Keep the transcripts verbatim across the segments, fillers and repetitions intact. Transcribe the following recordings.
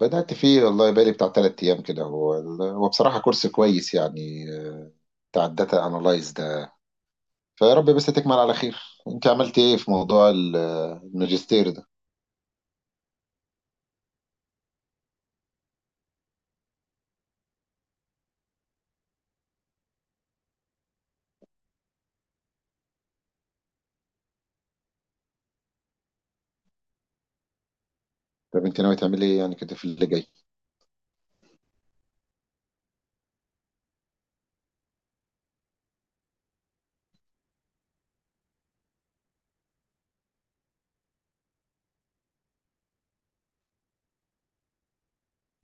بدأت فيه والله بقالي بتاع تلات أيام كده هو هو بصراحة كورس كويس يعني، بتاع الداتا أنالايز ده. فيا رب بس تكمل على خير. أنت عملت إيه في موضوع ال- الماجستير ده؟ طب أنت ناوي تعملي إيه يعني كده في اللي جاي؟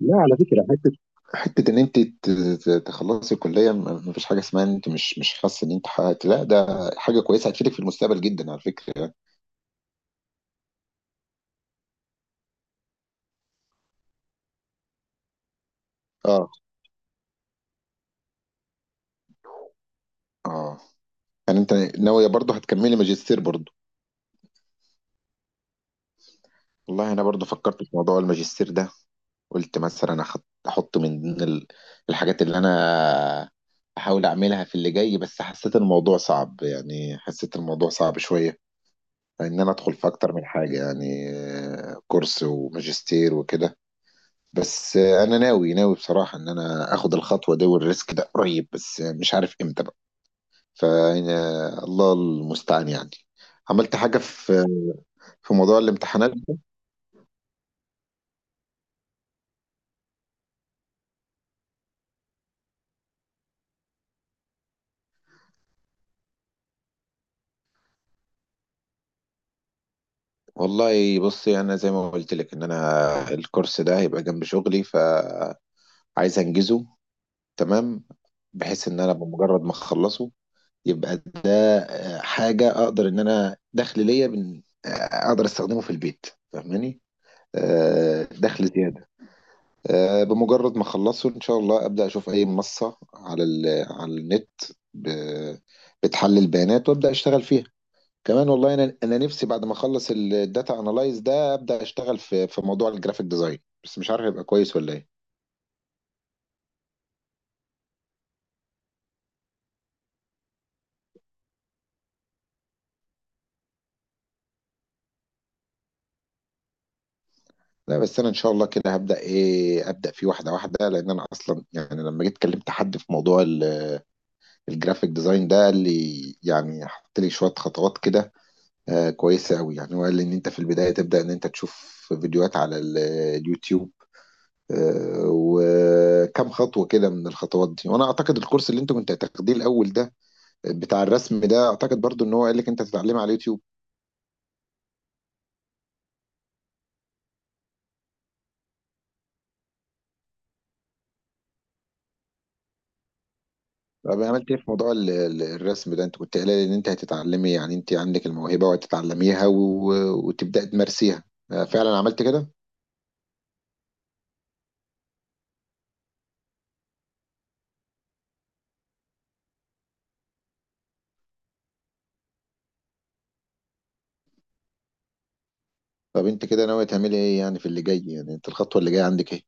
لا على فكرة، حتة حتة إن أنت ت- ت- تخلصي الكلية، م- مفيش حاجة اسمها إن أنت مش مش حاسة إن أنت حققت، لا ده حاجة كويسة هتفيدك في المستقبل جدا على فكرة يعني. اه. آه. يعني أنت ناوية برضه هتكملي ماجستير برضه؟ والله أنا برضه فكرت في موضوع الماجستير ده. قلت مثلا أخد- احط من ضمن ال- الحاجات اللي انا احاول اعملها في اللي جاي، بس حسيت الموضوع صعب، يعني حسيت الموضوع صعب شوية، ان انا ادخل في اكتر من حاجة يعني، آه، كورس وماجستير وكده. بس آه، انا ناوي ناوي بصراحة ان انا اخد الخطوة دي والريسك ده قريب، بس آه، مش عارف امتى بقى. ف آه، الله المستعان يعني. عملت حاجة في في موضوع الامتحانات؟ والله بصي، انا زي ما قلت لك ان انا الكورس ده هيبقى جنب شغلي، ف عايز انجزه. تمام. بحيث ان انا بمجرد ما اخلصه يبقى ده آه، حاجه اقدر ان انا دخل ليا بن- آه، اقدر استخدمه في البيت. فاهماني؟ آه، دخل زياده. آه، بمجرد ما اخلصه ان شاء الله ابدا اشوف اي منصه على ال- على النت ب- بتحلل بيانات وابدا اشتغل فيها كمان. والله انا انا نفسي بعد ما اخلص الداتا انالايز ده ابدا اشتغل في في موضوع الجرافيك ديزاين، بس مش عارف هيبقى كويس ولا ايه. لا بس انا ان شاء الله كده هبدا ايه، ابدا فيه واحده واحده، لان انا اصلا يعني لما جيت كلمت حد في موضوع ال- الجرافيك ديزاين ده قال لي يعني حط لي شويه خطوات كده آه كويسه قوي، يعني هو قال لي ان انت في البدايه تبدا ان انت تشوف فيديوهات على ال- اليوتيوب، آه، وكم خطوه كده من الخطوات دي. وانا اعتقد الكورس اللي انت كنت هتاخديه الاول ده، بتاع الرسم ده، اعتقد برضو ان هو قال لك انت تتعلمه على اليوتيوب. طب عملت ايه في موضوع ال- ال- الرسم ده؟ انت كنت قايله لي ان انت هتتعلمي، يعني انت عندك الموهبه وهتتعلميها و... وتبداي تمارسيها. آه، فعلا عملت كده؟ طب انت كده ناويه تعملي ايه يعني في اللي جاي؟ يعني انت الخطوه اللي جايه عندك ايه؟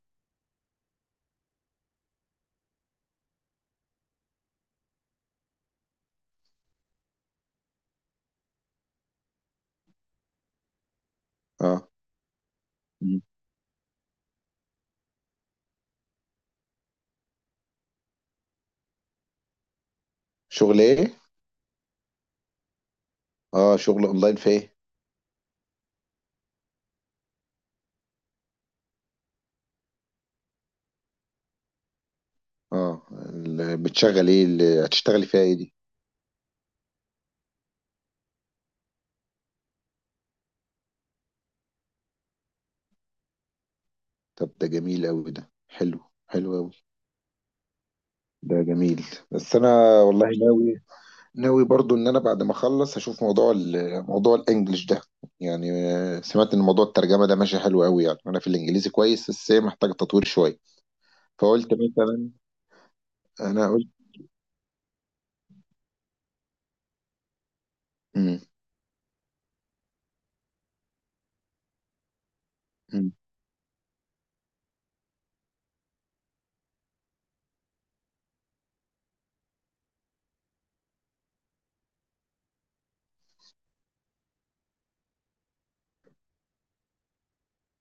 اه. مم. شغل ايه؟ اه، شغل اونلاين في ايه؟ اه، ال- بتشغل ايه؟ اللي هتشتغلي فيها ايه دي؟ طب ده جميل قوي، ده حلو، حلو قوي. ده جميل. بس انا والله ناوي ناوي برضو ان انا بعد ما اخلص هشوف موضوع ال- موضوع الانجليش ده، يعني آه، سمعت ان موضوع الترجمه ده ماشي حلو قوي، يعني انا في الانجليزي كويس بس هي محتاج تطوير شويه. فقلت مثلا، انا قلت. مم.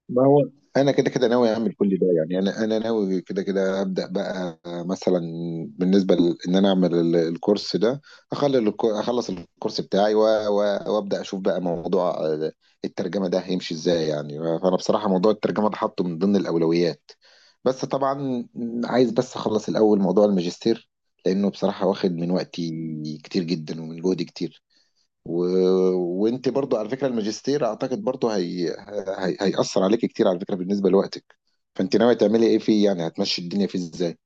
ما هو انا كده كده ناوي اعمل كل ده، يعني انا انا ناوي كده كده ابدا بقى مثلا بالنسبه ل- ان انا اعمل ال- الكورس ده، اخلي الك- اخلص الكورس بتاعي و- و- وابدا اشوف بقى موضوع آه، الترجمه ده هيمشي ازاي يعني. فانا بصراحه موضوع الترجمه ده حاطه من ضمن الاولويات، بس طبعا عايز بس اخلص الاول موضوع الماجستير، لانه بصراحه واخد من وقتي كتير جدا ومن جهدي كتير و... وانت برضو على فكره الماجستير اعتقد برضو هي... هي... هيأثر عليك كتير على فكره بالنسبه لوقتك. فانت ناويه تعملي ايه فيه؟ يعني هتمشي الدنيا فيه ازاي؟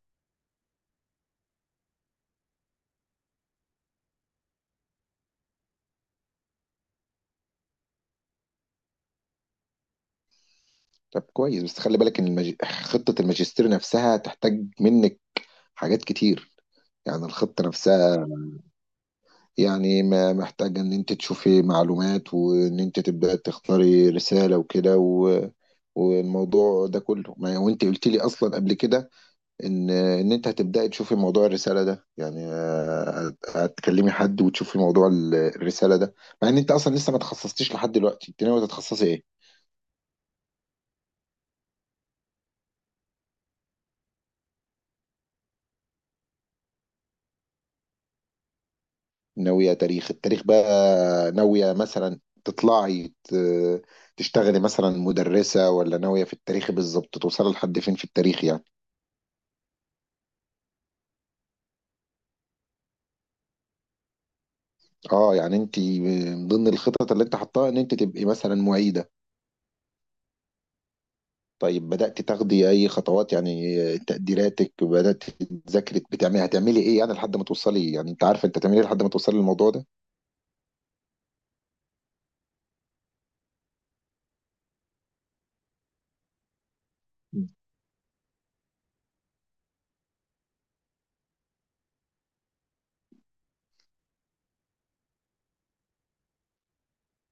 طب كويس بس خلي بالك ان المج... خطه الماجستير نفسها تحتاج منك حاجات كتير، يعني الخطه نفسها، يعني ما محتاجه ان انت تشوفي معلومات وان انت تبداي تختاري رساله وكده و... والموضوع ده كله، ما وانت قلت لي اصلا قبل كده ان ان انت هتبداي تشوفي موضوع الرساله ده، يعني آه، هتكلمي حد وتشوفي موضوع ال- الرساله ده. مع ان انت اصلا لسه ما تخصصتيش لحد دلوقتي، انت ناويه تتخصصي ايه؟ ناويه تاريخ؟ التاريخ بقى ناويه مثلا تطلعي ت- تشتغلي مثلا مدرسه، ولا ناويه في التاريخ بالظبط توصلي لحد فين في التاريخ يعني؟ اه، يعني انت من ضمن الخطط اللي انت حطاها ان انت تبقي مثلا معيده؟ طيب بدأت تاخدي أي خطوات؟ يعني آه، تقديراتك بدأت، تذاكري، بتعملي هتعملي إيه يعني لحد ما توصلي؟ يعني أنت عارفة أنت هتعملي إيه لحد ما توصلي للموضوع ده؟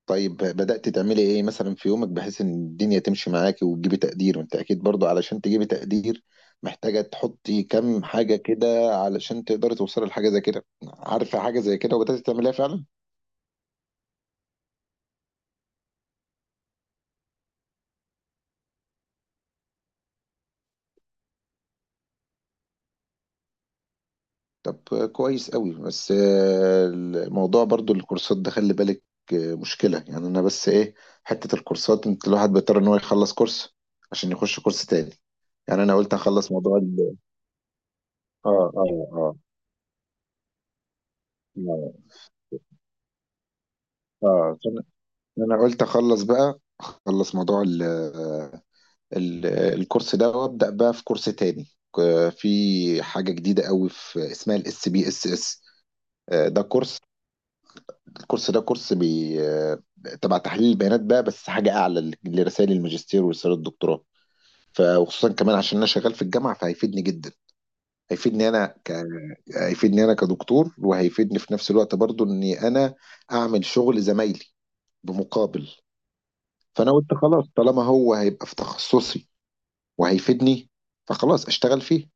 طيب بدأت تعملي إيه مثلا في يومك بحيث إن الدنيا تمشي معاكي وتجيبي تقدير؟ وأنت أكيد برضو علشان تجيبي تقدير محتاجة تحطي كم حاجة كده علشان تقدري توصلي لحاجة زي كده، عارفة حاجة زي كده؟ وبدأت تعمليها فعلا؟ طب كويس قوي بس آه، الموضوع برضو الكورسات ده خلي بالك، آه، مشكلة يعني. انا بس ايه، حتة الكورسات انت الواحد بيضطر ان هو يخلص كورس عشان يخش كورس تاني. يعني انا قلت اخلص موضوع ال اه اه اه. اه. آه. فأنا- انا قلت اخلص بقى، اخلص موضوع ال ال الكورس ده وابدا بقى في كورس تاني، ك- في حاجة جديدة قوي في اسمها الاس بي اس اس. ده كورس، الكورس ده كورس بي... تبع تحليل البيانات بقى، بس حاجة أعلى ل- لرسائل الماجستير ورسائل الدكتوراه، ف- وخصوصا كمان عشان أنا شغال في الجامعة فهيفيدني جدا. هيفيدني أنا ك... هيفيدني أنا كدكتور، وهيفيدني في نفس الوقت برضو إني أنا أعمل شغل زمايلي بمقابل. فأنا قلت خلاص طالما هو هيبقى في تخصصي وهيفيدني، فخلاص أشتغل فيه.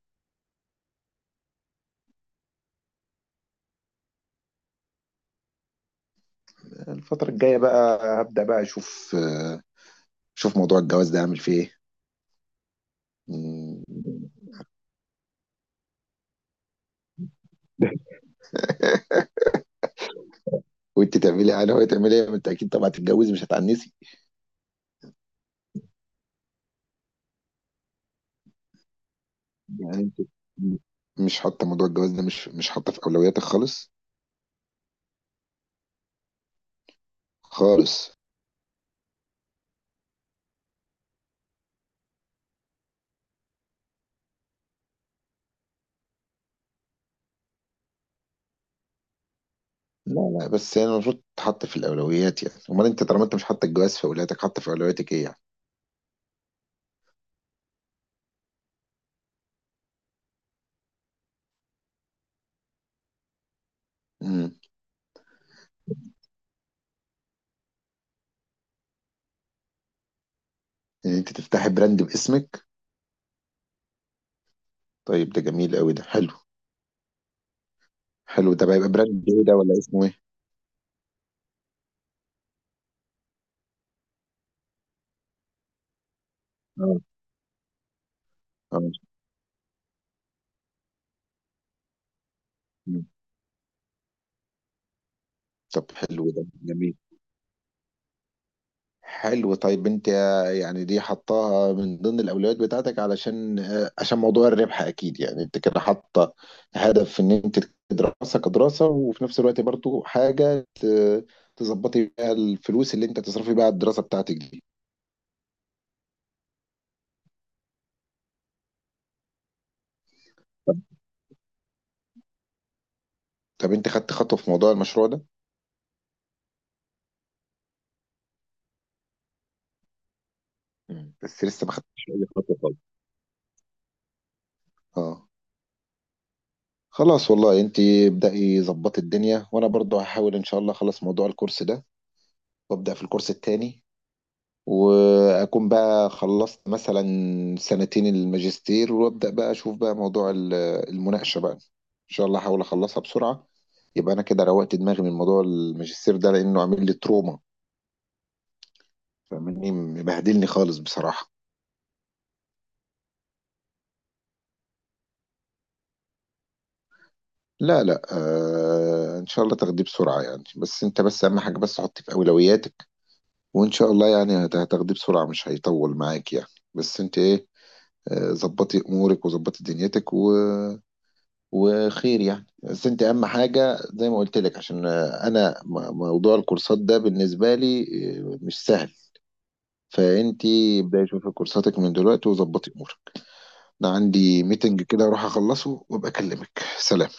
الفترة الجاية بقى هبدأ بقى أشوف أشوف موضوع الجواز ده، أعمل فيه إيه. وانت تعملي يعني، هو تعملي ايه، ما انت اكيد طبعا هتتجوزي مش هتعنسي. يعني انت مش حاطه موضوع الجواز ده، مش مش حاطه في اولوياتك خالص؟ خالص. لا لا، بس يعني المفروض تحط في الاولويات، يعني امال انت طالما انت مش حاطه الجواز في اولوياتك، حاطه في اولوياتك ايه يعني؟ امم. ان انت تفتحي براند باسمك؟ طيب ده جميل قوي، ده حلو. حلو ده بقى، يبقى براند ايه ده ولا اسمه ايه؟ اه. اه. مم. طب حلو، ده جميل، حلو. طيب انت يعني دي حطاها من ضمن الاولويات بتاعتك علشان آه، عشان موضوع الربح اكيد، يعني انت كده حاطه هدف ان انت دراسه كدراسه وفي نفس الوقت برضو حاجه ت- تظبطي بيها الفلوس اللي انت تصرفي بيها على الدراسه بتاعتك دي. طب انت خدت خطوه في موضوع المشروع ده؟ مم. بس لسه ما خدتش اي خطوه خالص. اه. خلاص والله، انت ابدأي ظبطي الدنيا، وانا برضو هحاول ان شاء الله اخلص موضوع الكورس ده وابدأ في الكورس التاني، واكون بقى خلصت مثلا سنتين الماجستير وابدا بقى اشوف بقى موضوع ال- المناقشه بقى، ان شاء الله احاول اخلصها بسرعه، يبقى انا كده روقت دماغي من موضوع الماجستير ده لانه عامل لي تروما، فاهمني، مبهدلني خالص بصراحه. لا لا آه، ان شاء الله تاخديه بسرعه يعني، بس انت بس اهم حاجه بس حطيه في اولوياتك، وان شاء الله يعني هت- هتاخديه بسرعه، مش هيطول معاك يعني. بس انت ايه، آه، ظبطي امورك وظبطي دنيتك و وخير يعني. بس انت اهم حاجه زي ما قلت لك عشان آه، انا م- موضوع الكورسات ده بالنسبه لي اه، مش سهل. فانت ابداي شوفي كورساتك من دلوقتي وظبطي امورك. انا عندي ميتنج كده اروح اخلصه وابقى اكلمك. سلام.